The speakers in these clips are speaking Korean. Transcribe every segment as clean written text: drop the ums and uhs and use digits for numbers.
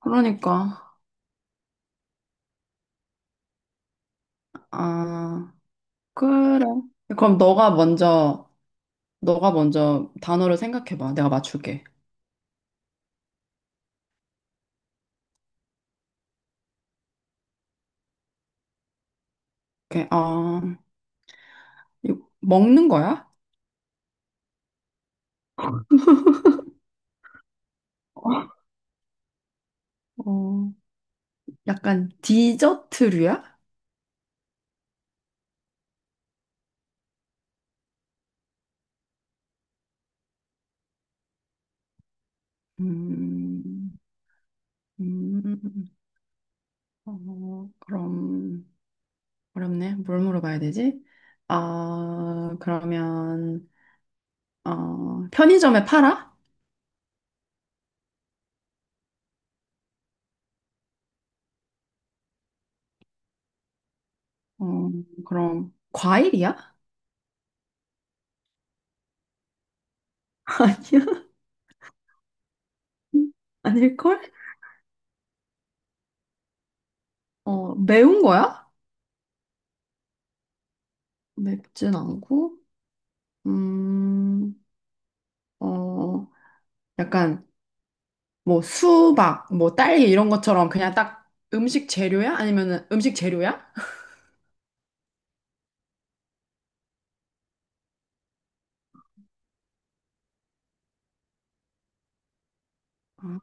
그러니까. 아 그래. 그럼 너가 먼저 단어를 생각해봐. 내가 맞출게. 이렇게 이거 먹는 거야? 어, 약간 디저트류야? 음, 음, 그럼 어렵네. 뭘 물어봐야 되지? 아, 그러면 편의점에 팔아? 어, 그럼 과일이야? 아니야? 아닐걸? 매운 거야? 맵진 않고, 음, 어, 약간 뭐 수박, 뭐 딸기 이런 것처럼 그냥 딱 음식 재료야? 아니면은 음식 재료야? 아,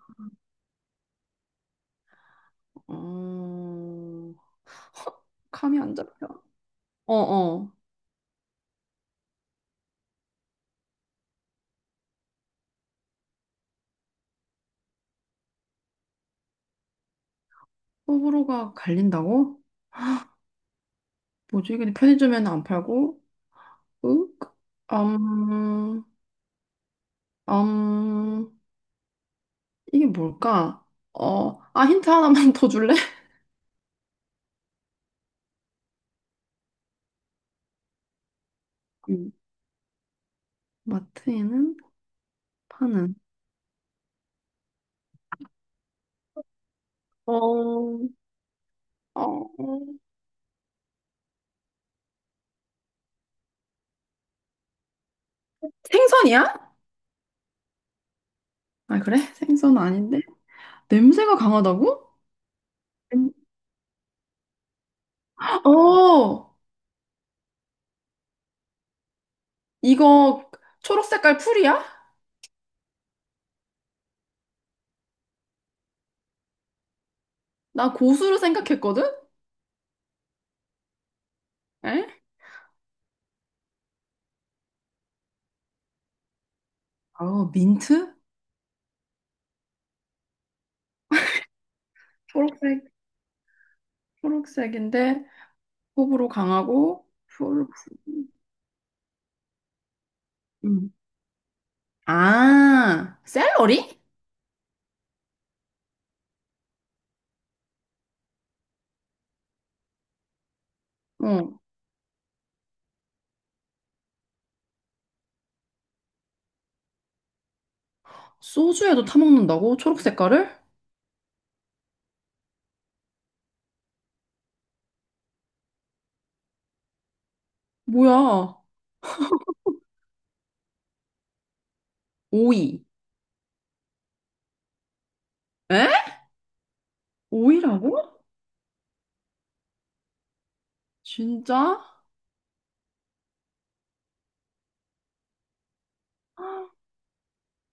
어, 감이 안 잡혀. 어, 어. 호불호가 갈린다고? 뭐지? 근데 편의점에는 안 팔고, 윽? 음, 음, 이게 뭘까? 힌트 하나만 더 줄래? 음, 마트에는 파는. 어, 어, 생선이야? 아, 그래? 생선 아닌데? 냄새가 강하다고? 음. 어, 이거 초록 색깔 풀이야? 나 고수를 생각했거든? 에? 어, 민트? 초록색, 초록색인데 호불호 강하고 초록, 음. 아, 샐러리? 어, 소주에도 타먹는다고? 초록 색깔을? 뭐야, 오이. 에? 오이라고? 진짜?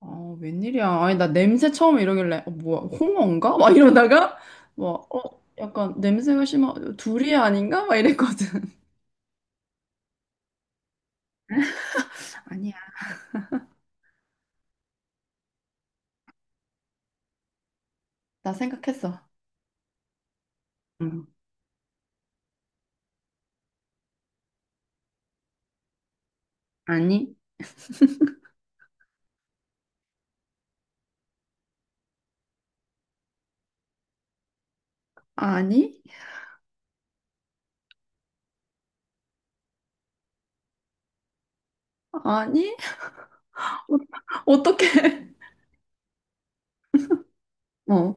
아, 웬일이야. 아니, 나 냄새 처음에 이러길래, 홍어인가? 막 이러다가, 약간 냄새가 심하, 둘이 아닌가? 막 이랬거든. 아니야. 나 생각했어. 응. 아니? 아니? 아니? 어떻게? 어.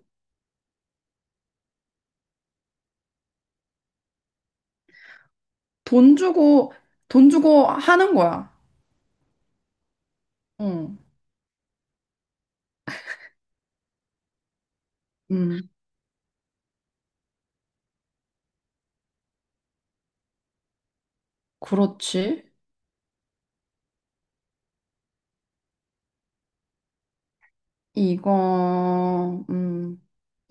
돈 주고, 돈 주고 하는 거야. 응. 음, 그렇지. 이거, 음,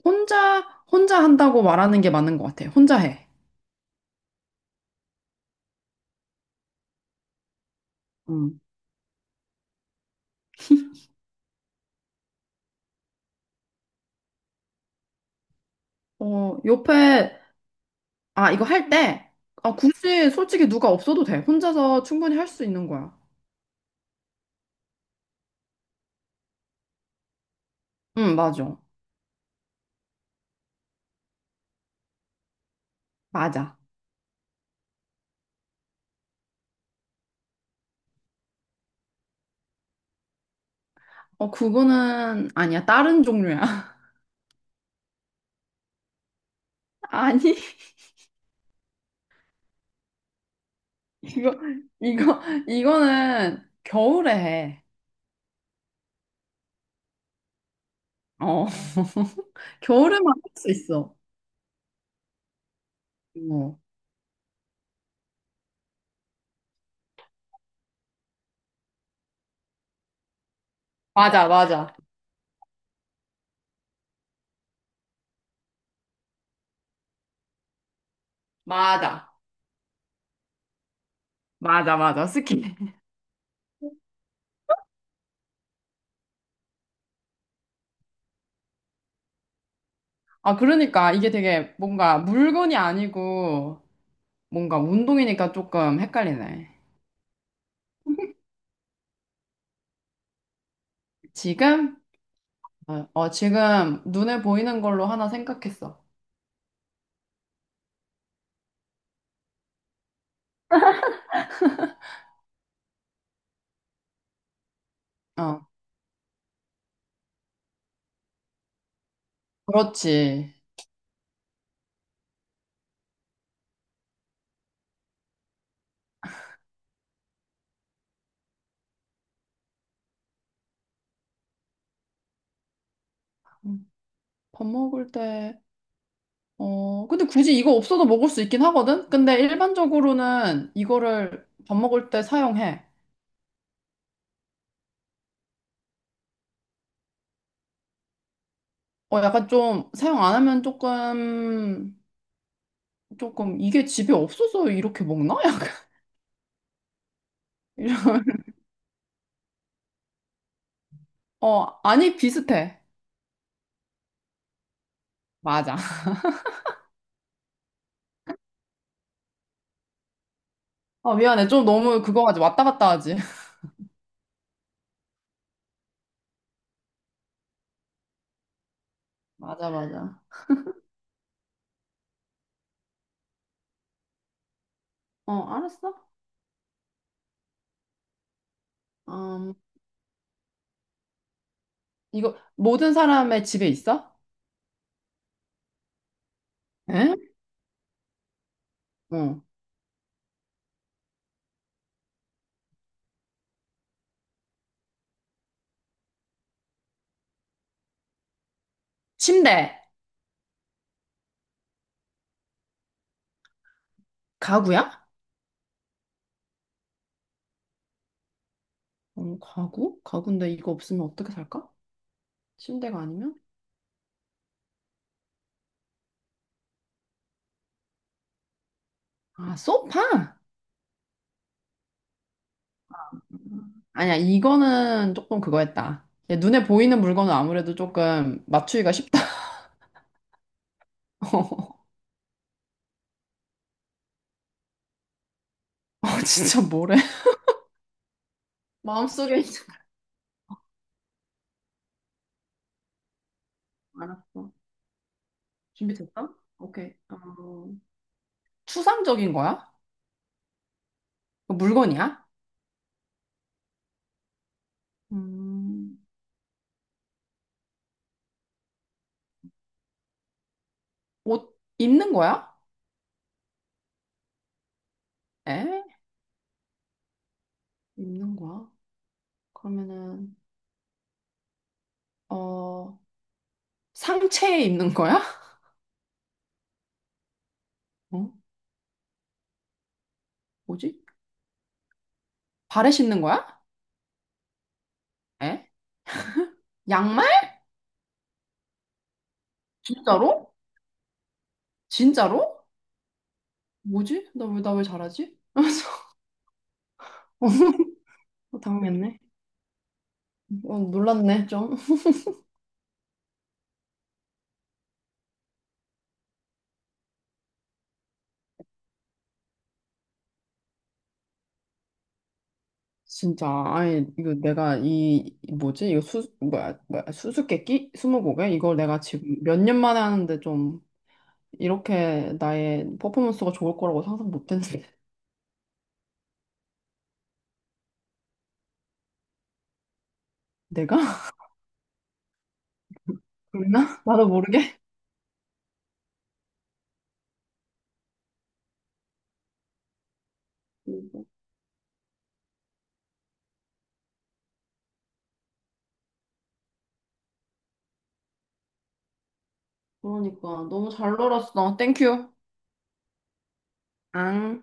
혼자, 혼자 한다고 말하는 게 맞는 것 같아. 혼자 해. 음. 어, 옆에 아, 이거 할 때, 아, 굳이 솔직히 누가 없어도 돼. 혼자서 충분히 할 수 있는 거야. 응, 맞아. 맞아. 어, 그거는 아니야. 다른 종류야. 아니, 이거, 이거, 이거는 겨울에 해. 어, 겨울에만 할 수 있어. 어. 맞아, 맞아. 맞아. 맞아, 맞아. 스키. 아, 그러니까 이게 되게 뭔가 물건이 아니고 뭔가 운동이니까 조금 헷갈리네. 지금? 지금 눈에 보이는 걸로 하나 생각했어. 어, 그렇지. 음, 밥 먹을 때, 어, 근데 굳이 이거 없어도 먹을 수 있긴 하거든? 근데 일반적으로는 이거를 밥 먹을 때 사용해. 약간 좀 사용 안 하면 조금, 조금 이게 집에 없어서 이렇게 먹나? 약간. 이런. 어, 아니, 비슷해. 맞아. 어, 미안해. 좀 너무 그거 하지. 왔다 갔다 하지. 맞아, 맞아. 어, 알았어. 음, 이거 모든 사람의 집에 있어? 에? 어. 침대. 가구야? 어, 가구? 가구인데 이거 없으면 어떻게 살까? 침대가 아니면? 아, 소파? 음. 아니야, 이거는 조금 그거였다. 얘 눈에 보이는 물건은 아무래도 조금 맞추기가 쉽다. 어, 진짜 뭐래? 마음속에 있는 거 알았어. 준비됐어? 오케이. 어, 추상적인 거야? 그 물건이야? 음, 옷 입는 거야? 에? 입는 거야? 그러면은, 어, 상체에 입는 거야? 어? 뭐지? 발에 신는 거야? 에? 양말? 진짜로? 진짜로? 뭐지? 나 왜, 나 왜 잘하지? 당황했네. 어, 놀랐네, 좀. 진짜, 아니, 이거 내가 이, 이 뭐지? 이거 수, 뭐야, 뭐야, 수수께끼? 스무고개? 이걸 내가 지금 몇 년 만에 하는데 좀, 이렇게 나의 퍼포먼스가 좋을 거라고 상상 못 했는데. 내가? 그랬나? 나도 모르게? 그러니까, 너무 잘 놀았어. 땡큐. 앙.